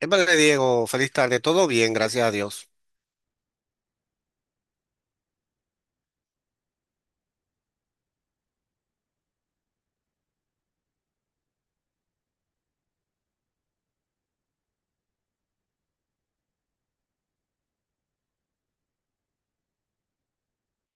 Vale, Diego, feliz tarde. Todo bien, gracias a Dios.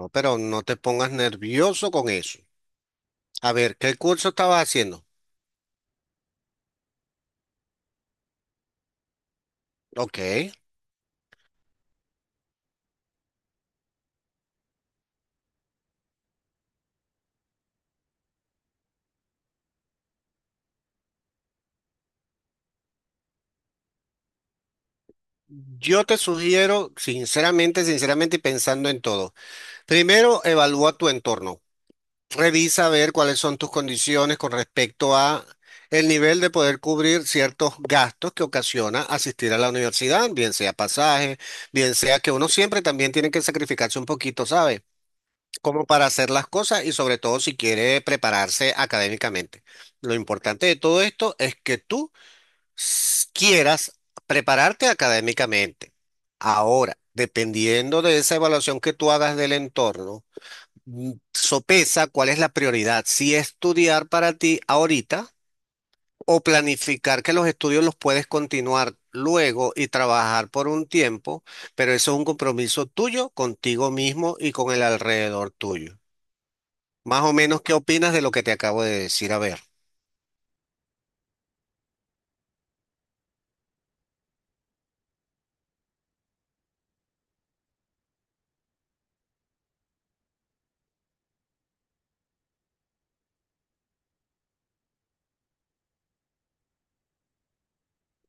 No, pero no te pongas nervioso con eso. A ver, ¿qué curso estabas haciendo? Ok. Yo te sugiero, sinceramente, sinceramente y pensando en todo. Primero, evalúa tu entorno. Revisa a ver cuáles son tus condiciones con respecto a el nivel de poder cubrir ciertos gastos que ocasiona asistir a la universidad, bien sea pasaje, bien sea que uno siempre también tiene que sacrificarse un poquito, ¿sabes? Como para hacer las cosas y sobre todo si quiere prepararse académicamente. Lo importante de todo esto es que tú quieras prepararte académicamente. Ahora, dependiendo de esa evaluación que tú hagas del entorno, sopesa cuál es la prioridad, si estudiar para ti ahorita o planificar que los estudios los puedes continuar luego y trabajar por un tiempo, pero eso es un compromiso tuyo contigo mismo y con el alrededor tuyo. Más o menos, ¿qué opinas de lo que te acabo de decir? A ver,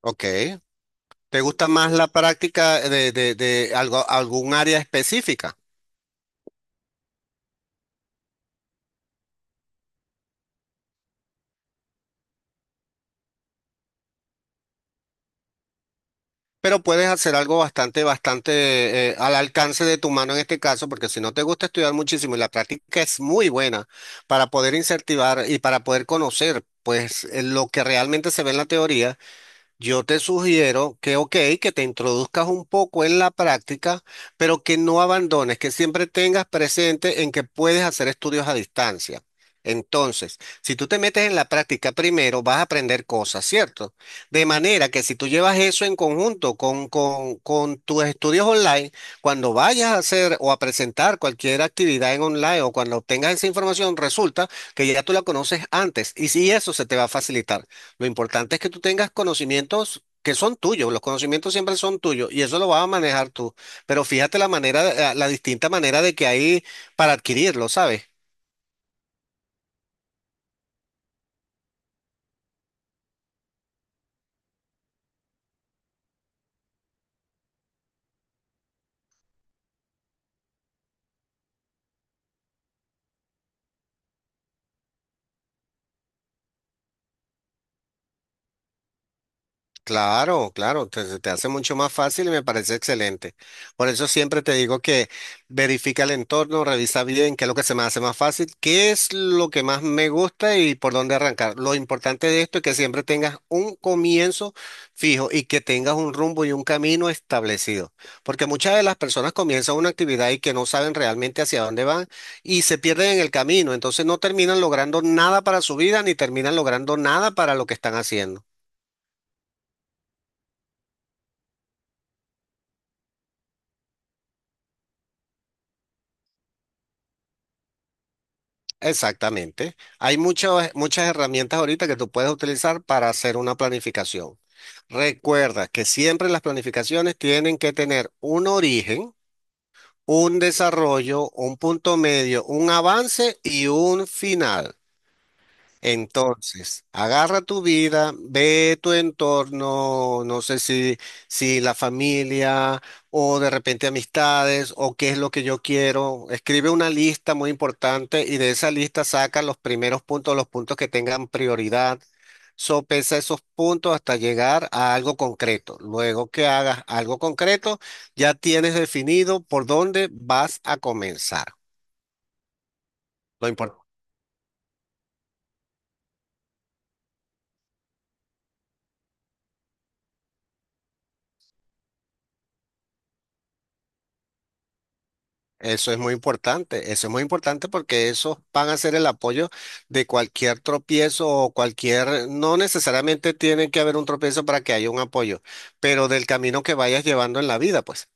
ok. ¿Te gusta más la práctica de algo, algún área específica? Pero puedes hacer algo bastante, bastante al alcance de tu mano en este caso, porque si no te gusta estudiar muchísimo y la práctica es muy buena para poder incentivar y para poder conocer, pues, lo que realmente se ve en la teoría. Yo te sugiero que, ok, que te introduzcas un poco en la práctica, pero que no abandones, que siempre tengas presente en que puedes hacer estudios a distancia. Entonces, si tú te metes en la práctica primero, vas a aprender cosas, ¿cierto? De manera que si tú llevas eso en conjunto con tus estudios online, cuando vayas a hacer o a presentar cualquier actividad en online o cuando obtengas esa información, resulta que ya tú la conoces antes y si eso se te va a facilitar. Lo importante es que tú tengas conocimientos que son tuyos, los conocimientos siempre son tuyos y eso lo vas a manejar tú. Pero fíjate la manera, la distinta manera de que hay para adquirirlo, ¿sabes? Claro, claro, te, se te hace mucho más fácil y me parece excelente. Por eso siempre te digo que verifica el entorno, revisa bien qué es lo que se me hace más fácil, qué es lo que más me gusta y por dónde arrancar. Lo importante de esto es que siempre tengas un comienzo fijo y que tengas un rumbo y un camino establecido. Porque muchas de las personas comienzan una actividad y que no saben realmente hacia dónde van y se pierden en el camino. Entonces no terminan logrando nada para su vida ni terminan logrando nada para lo que están haciendo. Exactamente. Hay muchas, muchas herramientas ahorita que tú puedes utilizar para hacer una planificación. Recuerda que siempre las planificaciones tienen que tener un origen, un desarrollo, un punto medio, un avance y un final. Entonces, agarra tu vida, ve tu entorno, no sé si, si la familia o de repente amistades o qué es lo que yo quiero. Escribe una lista muy importante y de esa lista saca los primeros puntos, los puntos que tengan prioridad. Sopesa esos puntos hasta llegar a algo concreto. Luego que hagas algo concreto, ya tienes definido por dónde vas a comenzar. Lo Eso es muy importante, eso es muy importante porque esos van a ser el apoyo de cualquier tropiezo o cualquier, no necesariamente tiene que haber un tropiezo para que haya un apoyo, pero del camino que vayas llevando en la vida, pues.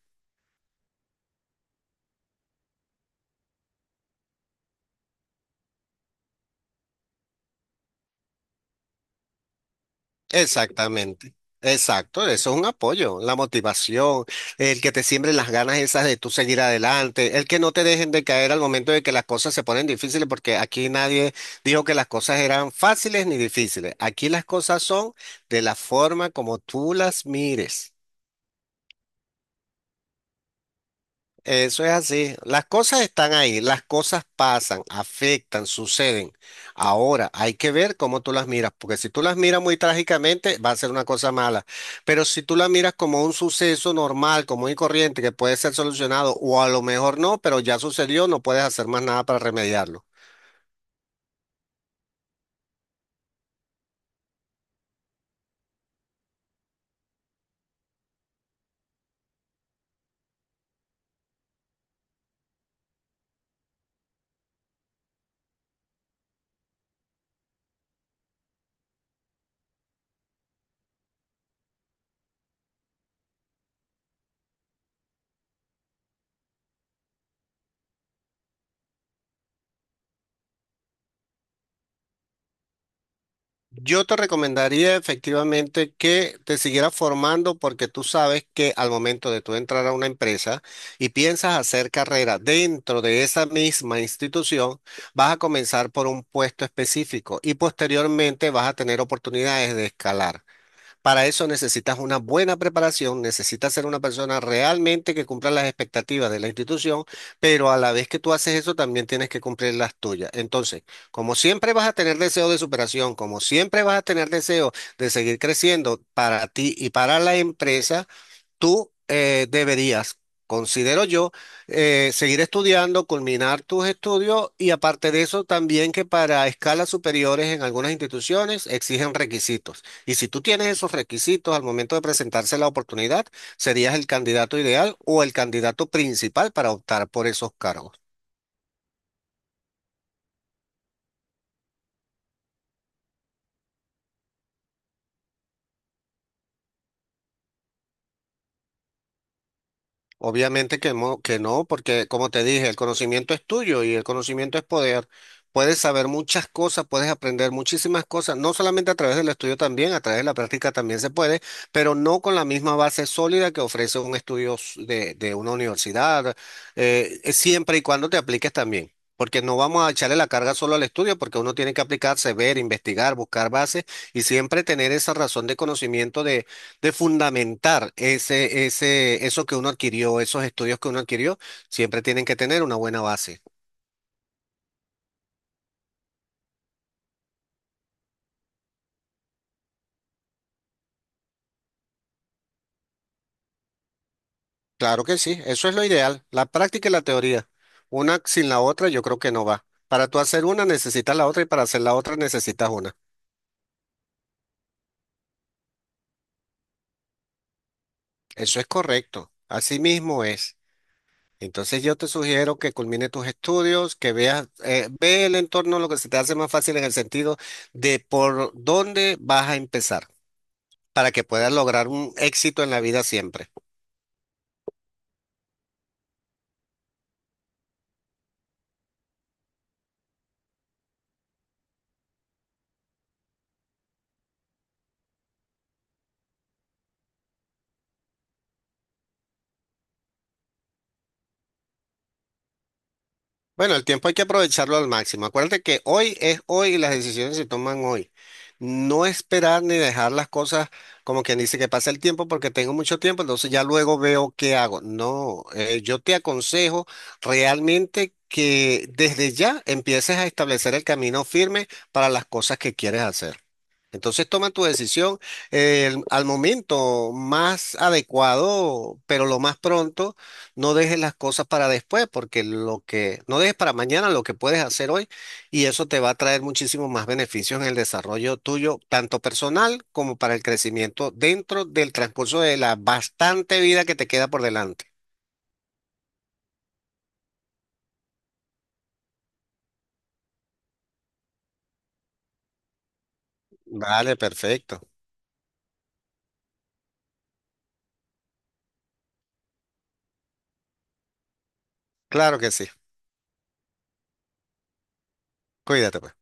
Exactamente. Exacto, eso es un apoyo, la motivación, el que te siembren las ganas esas de tú seguir adelante, el que no te dejen de caer al momento de que las cosas se ponen difíciles, porque aquí nadie dijo que las cosas eran fáciles ni difíciles. Aquí las cosas son de la forma como tú las mires. Eso es así. Las cosas están ahí, las cosas pasan, afectan, suceden. Ahora hay que ver cómo tú las miras, porque si tú las miras muy trágicamente, va a ser una cosa mala. Pero si tú las miras como un suceso normal, común y corriente, que puede ser solucionado, o a lo mejor no, pero ya sucedió, no puedes hacer más nada para remediarlo. Yo te recomendaría efectivamente que te siguieras formando porque tú sabes que al momento de tú entrar a una empresa y piensas hacer carrera dentro de esa misma institución, vas a comenzar por un puesto específico y posteriormente vas a tener oportunidades de escalar. Para eso necesitas una buena preparación, necesitas ser una persona realmente que cumpla las expectativas de la institución, pero a la vez que tú haces eso también tienes que cumplir las tuyas. Entonces, como siempre vas a tener deseo de superación, como siempre vas a tener deseo de seguir creciendo para ti y para la empresa, tú deberías, considero yo, seguir estudiando, culminar tus estudios y aparte de eso también que para escalas superiores en algunas instituciones exigen requisitos. Y si tú tienes esos requisitos al momento de presentarse la oportunidad, serías el candidato ideal o el candidato principal para optar por esos cargos. Obviamente que, que no, porque como te dije, el conocimiento es tuyo y el conocimiento es poder. Puedes saber muchas cosas, puedes aprender muchísimas cosas, no solamente a través del estudio también, a través de la práctica también se puede, pero no con la misma base sólida que ofrece un estudio de una universidad, siempre y cuando te apliques también, porque no vamos a echarle la carga solo al estudio, porque uno tiene que aplicarse, ver, investigar, buscar bases y siempre tener esa razón de conocimiento de fundamentar ese eso que uno adquirió, esos estudios que uno adquirió, siempre tienen que tener una buena base. Claro que sí, eso es lo ideal, la práctica y la teoría. Una sin la otra yo creo que no va. Para tú hacer una necesitas la otra y para hacer la otra necesitas una. Eso es correcto, así mismo es. Entonces yo te sugiero que culmine tus estudios, que veas, ve el entorno, lo que se te hace más fácil en el sentido de por dónde vas a empezar, para que puedas lograr un éxito en la vida siempre. Bueno, el tiempo hay que aprovecharlo al máximo. Acuérdate que hoy es hoy y las decisiones se toman hoy. No esperar ni dejar las cosas como quien dice que pasa el tiempo porque tengo mucho tiempo, entonces ya luego veo qué hago. No, yo te aconsejo realmente que desde ya empieces a establecer el camino firme para las cosas que quieres hacer. Entonces toman tu decisión al momento más adecuado, pero lo más pronto, no dejes las cosas para después, porque lo que no dejes para mañana lo que puedes hacer hoy y eso te va a traer muchísimos más beneficios en el desarrollo tuyo, tanto personal como para el crecimiento dentro del transcurso de la bastante vida que te queda por delante. Vale, perfecto. Claro que sí. Cuídate, pues.